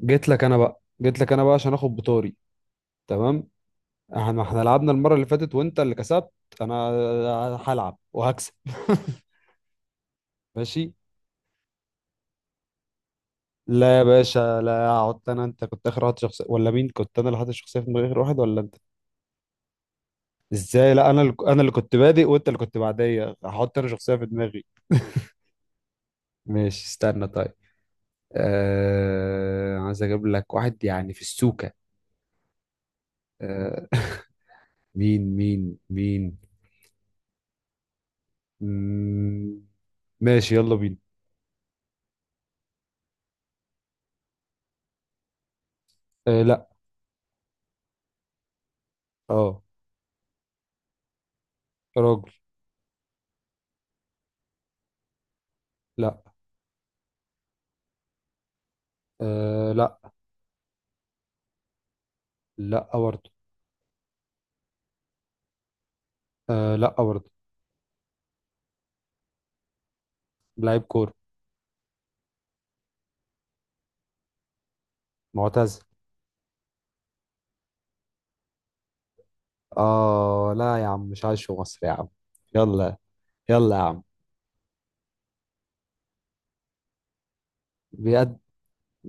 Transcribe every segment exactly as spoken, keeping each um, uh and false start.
جيت لك انا بقى جيت لك انا بقى عشان اخد بطاري. تمام. احنا ما احنا لعبنا المره اللي فاتت وانت اللي كسبت. انا هلعب وهكسب. ماشي. لا يا باشا، لا، قعدت انا. انت كنت اخر واحد شخصيه ولا مين؟ كنت انا اللي حاطط شخصيه في دماغي اخر واحد ولا انت؟ ازاي؟ لا، انا اللي... انا اللي كنت بادئ وانت اللي كنت بعديا، هحط انا شخصيه في دماغي. ماشي استنى طيب. آه... عايز اجيب لك واحد يعني في السوكه. آه... مين مين مين؟ مم... ماشي يلا بينا. آه لا. اه راجل. لا. آه لا. لا برضه. آه لا برضه. لعيب كورة. معتزل. اه لا يا عم، مش عايش في مصر يا عم. يلا. يلا يا عم. بجد.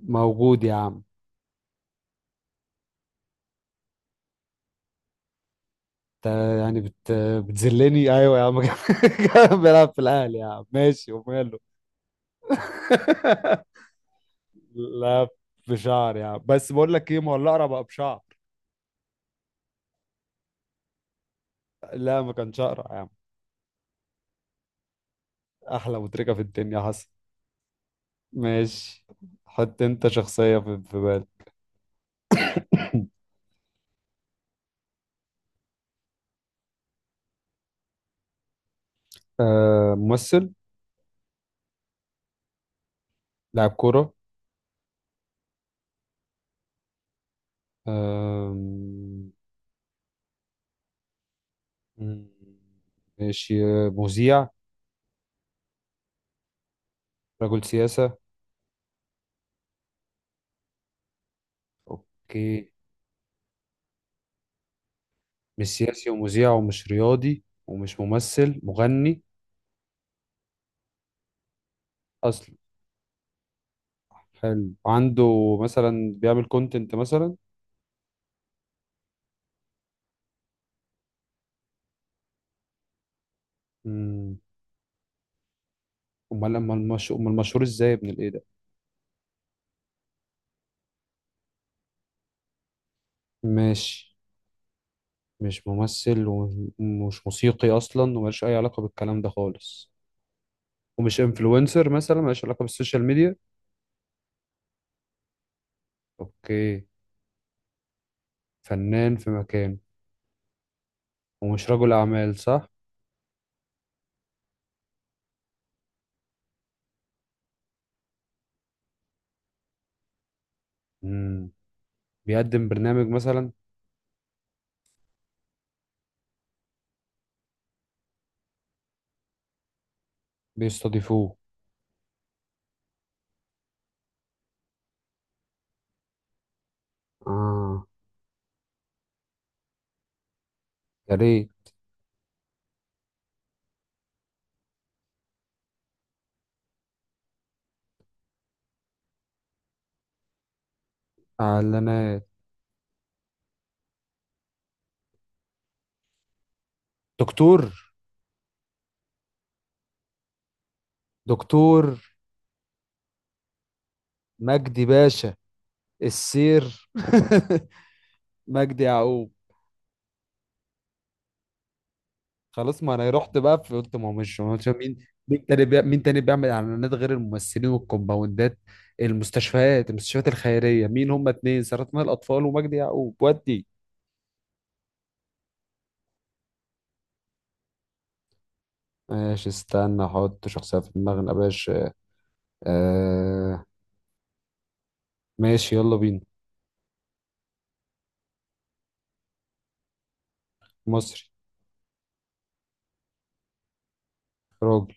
موجود يا عم. انت يعني بت... بتذلني، ايوه يا عم. كان بيلعب في الاهلي يا عم، ماشي وماله. لا. بشعر يا عم، بس بقول لك ايه، ما هو الاقرع بقى بشعر. لا ما كانش اقرع يا عم. احلى متركه في الدنيا حصل. ماشي. حط انت شخصيه في في بالك. آه ممثل. لاعب كورة. آم، مم، ماشي. آه، مذيع. رجل سياسة. اوكي. مش سياسي ومذيع ومش رياضي ومش ممثل مغني اصلا. حلو عنده. مثلا بيعمل كونتنت مثلا. مم، امال امال المش... امال مشهور ازاي يا ابن الايه ده؟ ماشي. مش ممثل ومش موسيقي اصلا ومالش اي علاقة بالكلام ده خالص. ومش انفلونسر مثلا، مالش علاقة بالسوشيال ميديا. اوكي. فنان في مكان. ومش رجل أعمال صح؟ مم. بيقدم برنامج مثلا. بيستضيفوه. آه، يا ريت. إعلانات. دكتور. دكتور مجدي باشا. السير مجدي يعقوب. خلاص، ما أنا رحت بقى في، قلت، ما هو مش ما هو مش- مين؟ مين تاني بيع- مين تاني بيعمل إعلانات غير الممثلين والكومباوندات؟ المستشفيات المستشفيات الخيرية. مين هما؟ اتنين: سرطان الأطفال ومجدي يعقوب، ودي. ماشي، استنى أحط شخصية في دماغنا يا باشا. آه. ماشي يلا بينا. مصري. راجل.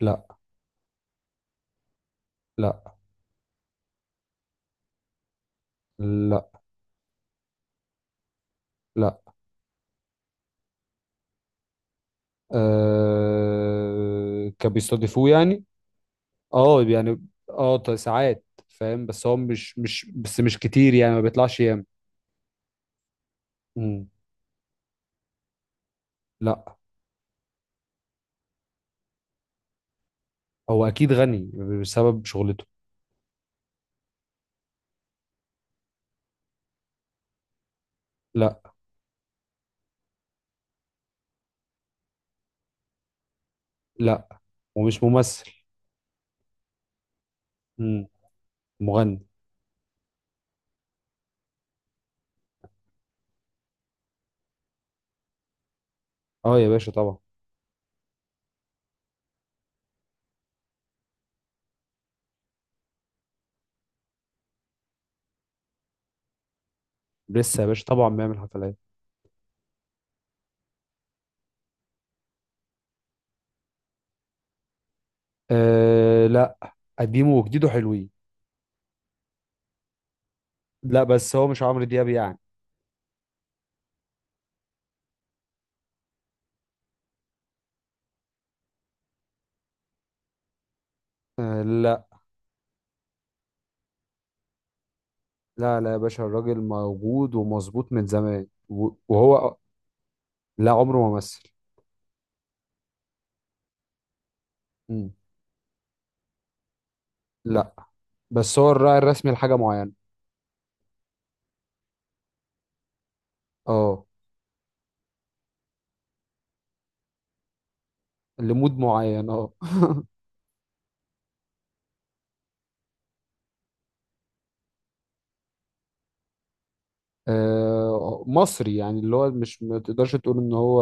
لا. لا. لا. لا. آه... كان بيستضيفوه يعني. اه يعني. اه، ط- ساعات فاهم، بس هو مش مش بس مش كتير يعني، ما بيطلعش ياما. مم. لا. هو اكيد غني بسبب شغلته. لا. لا. ومش ممثل. مم. مغني. اه يا باشا طبعا. لسه يا باشا طبعا بيعمل حفلات. آه لا. قديمه وجديده حلوين. لا، بس هو مش عمرو دياب يعني. آه لا. لا لا يا باشا، الراجل موجود ومظبوط من زمان و- وهو. لا عمره ما مثل. مم. لا، بس هو الراعي الرسمي لحاجة معينة. اه. لمود معين، اه. آه، مصري يعني، اللي هو مش، ما تقدرش تقول ان هو.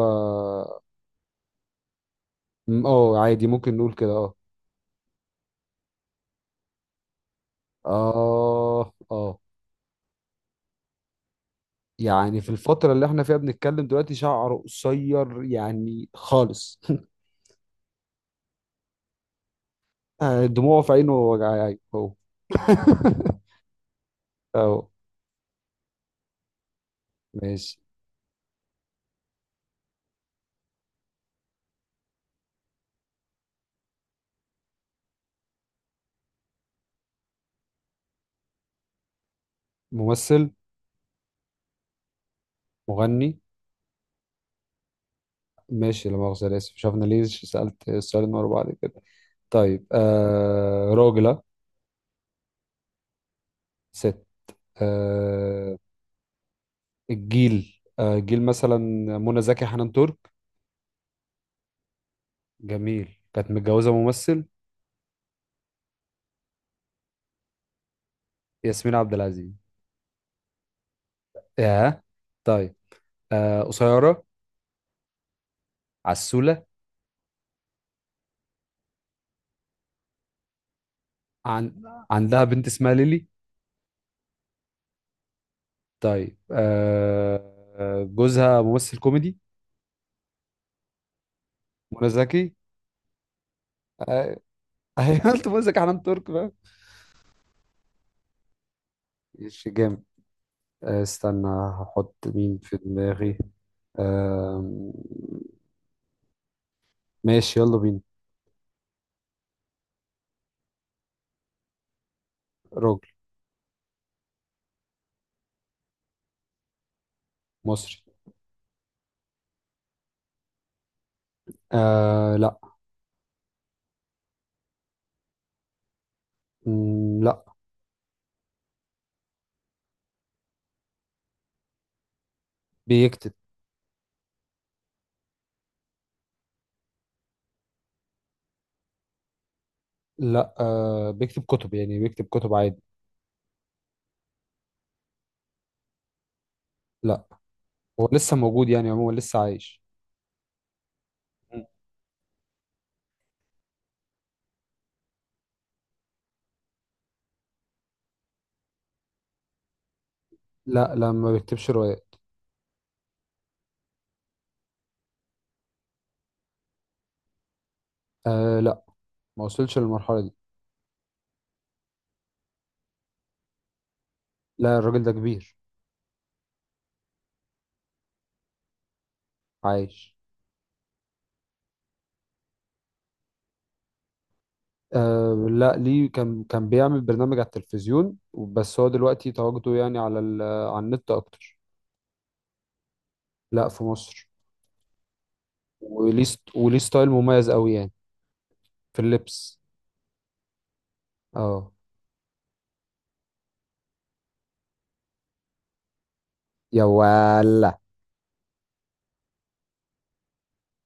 م- اه عادي، ممكن نقول كده، اه. اه. اه يعني، في الفترة اللي احنا فيها بنتكلم دلوقتي شعره قصير يعني خالص. آه، دموعه في عينه وجع، ايوه هو. اه. ماشي ممثل. مغني. ماشي، لا مؤاخذة، أنا آسف مش عارف أنا ليه سألت السؤالين ورا بعض كده. طيب آه راجلة. ست. آه الجيل آه جيل مثلا منى زكي حنان ترك. جميل. كانت متجوزة ممثل. ياسمين عبد العزيز. آه طيب. آه قصيرة. عسولة. عن... عندها بنت اسمها ليلي. طيب. آه آه، جوزها ممثل كوميدي. منى زكي. آه. أيوة، قلت منى زكي حنان ترك بقى. ماشي جامد. آه، استنى هحط مين في دماغي. آم، ماشي يلا بينا. راجل. مصري. آه لا. مم، لا. بيكتب. لا، آه بيكتب كتب يعني، بيكتب كتب عادي. لا. هو لسه موجود يعني، عموما لسه عايش. مم. لا. لا ما بيكتبش روايات. آه لا. ما وصلش للمرحلة دي. لا الراجل ده كبير. عايش. آه لا ليه، كان كان بيعمل برنامج على التلفزيون، بس هو دلوقتي تواجده يعني على ال- على النت اكتر. لا في مصر. وليه ست- وليه ستايل مميز قوي يعني في اللبس. اه يا ولا.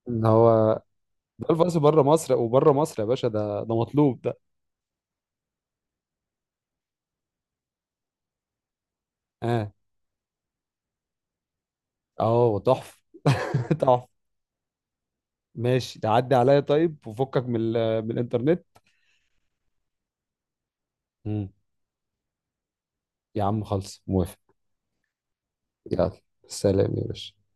ان هو ده الفايس، بره مصر، وبره مصر يا باشا، ده ده مطلوب ده. اه. اه تحفه. تحفه. ماشي، تعدي عليا طيب وفكك من ال- من الانترنت. مم. يا عم خلص، موافق. يلا سلام يا باشا.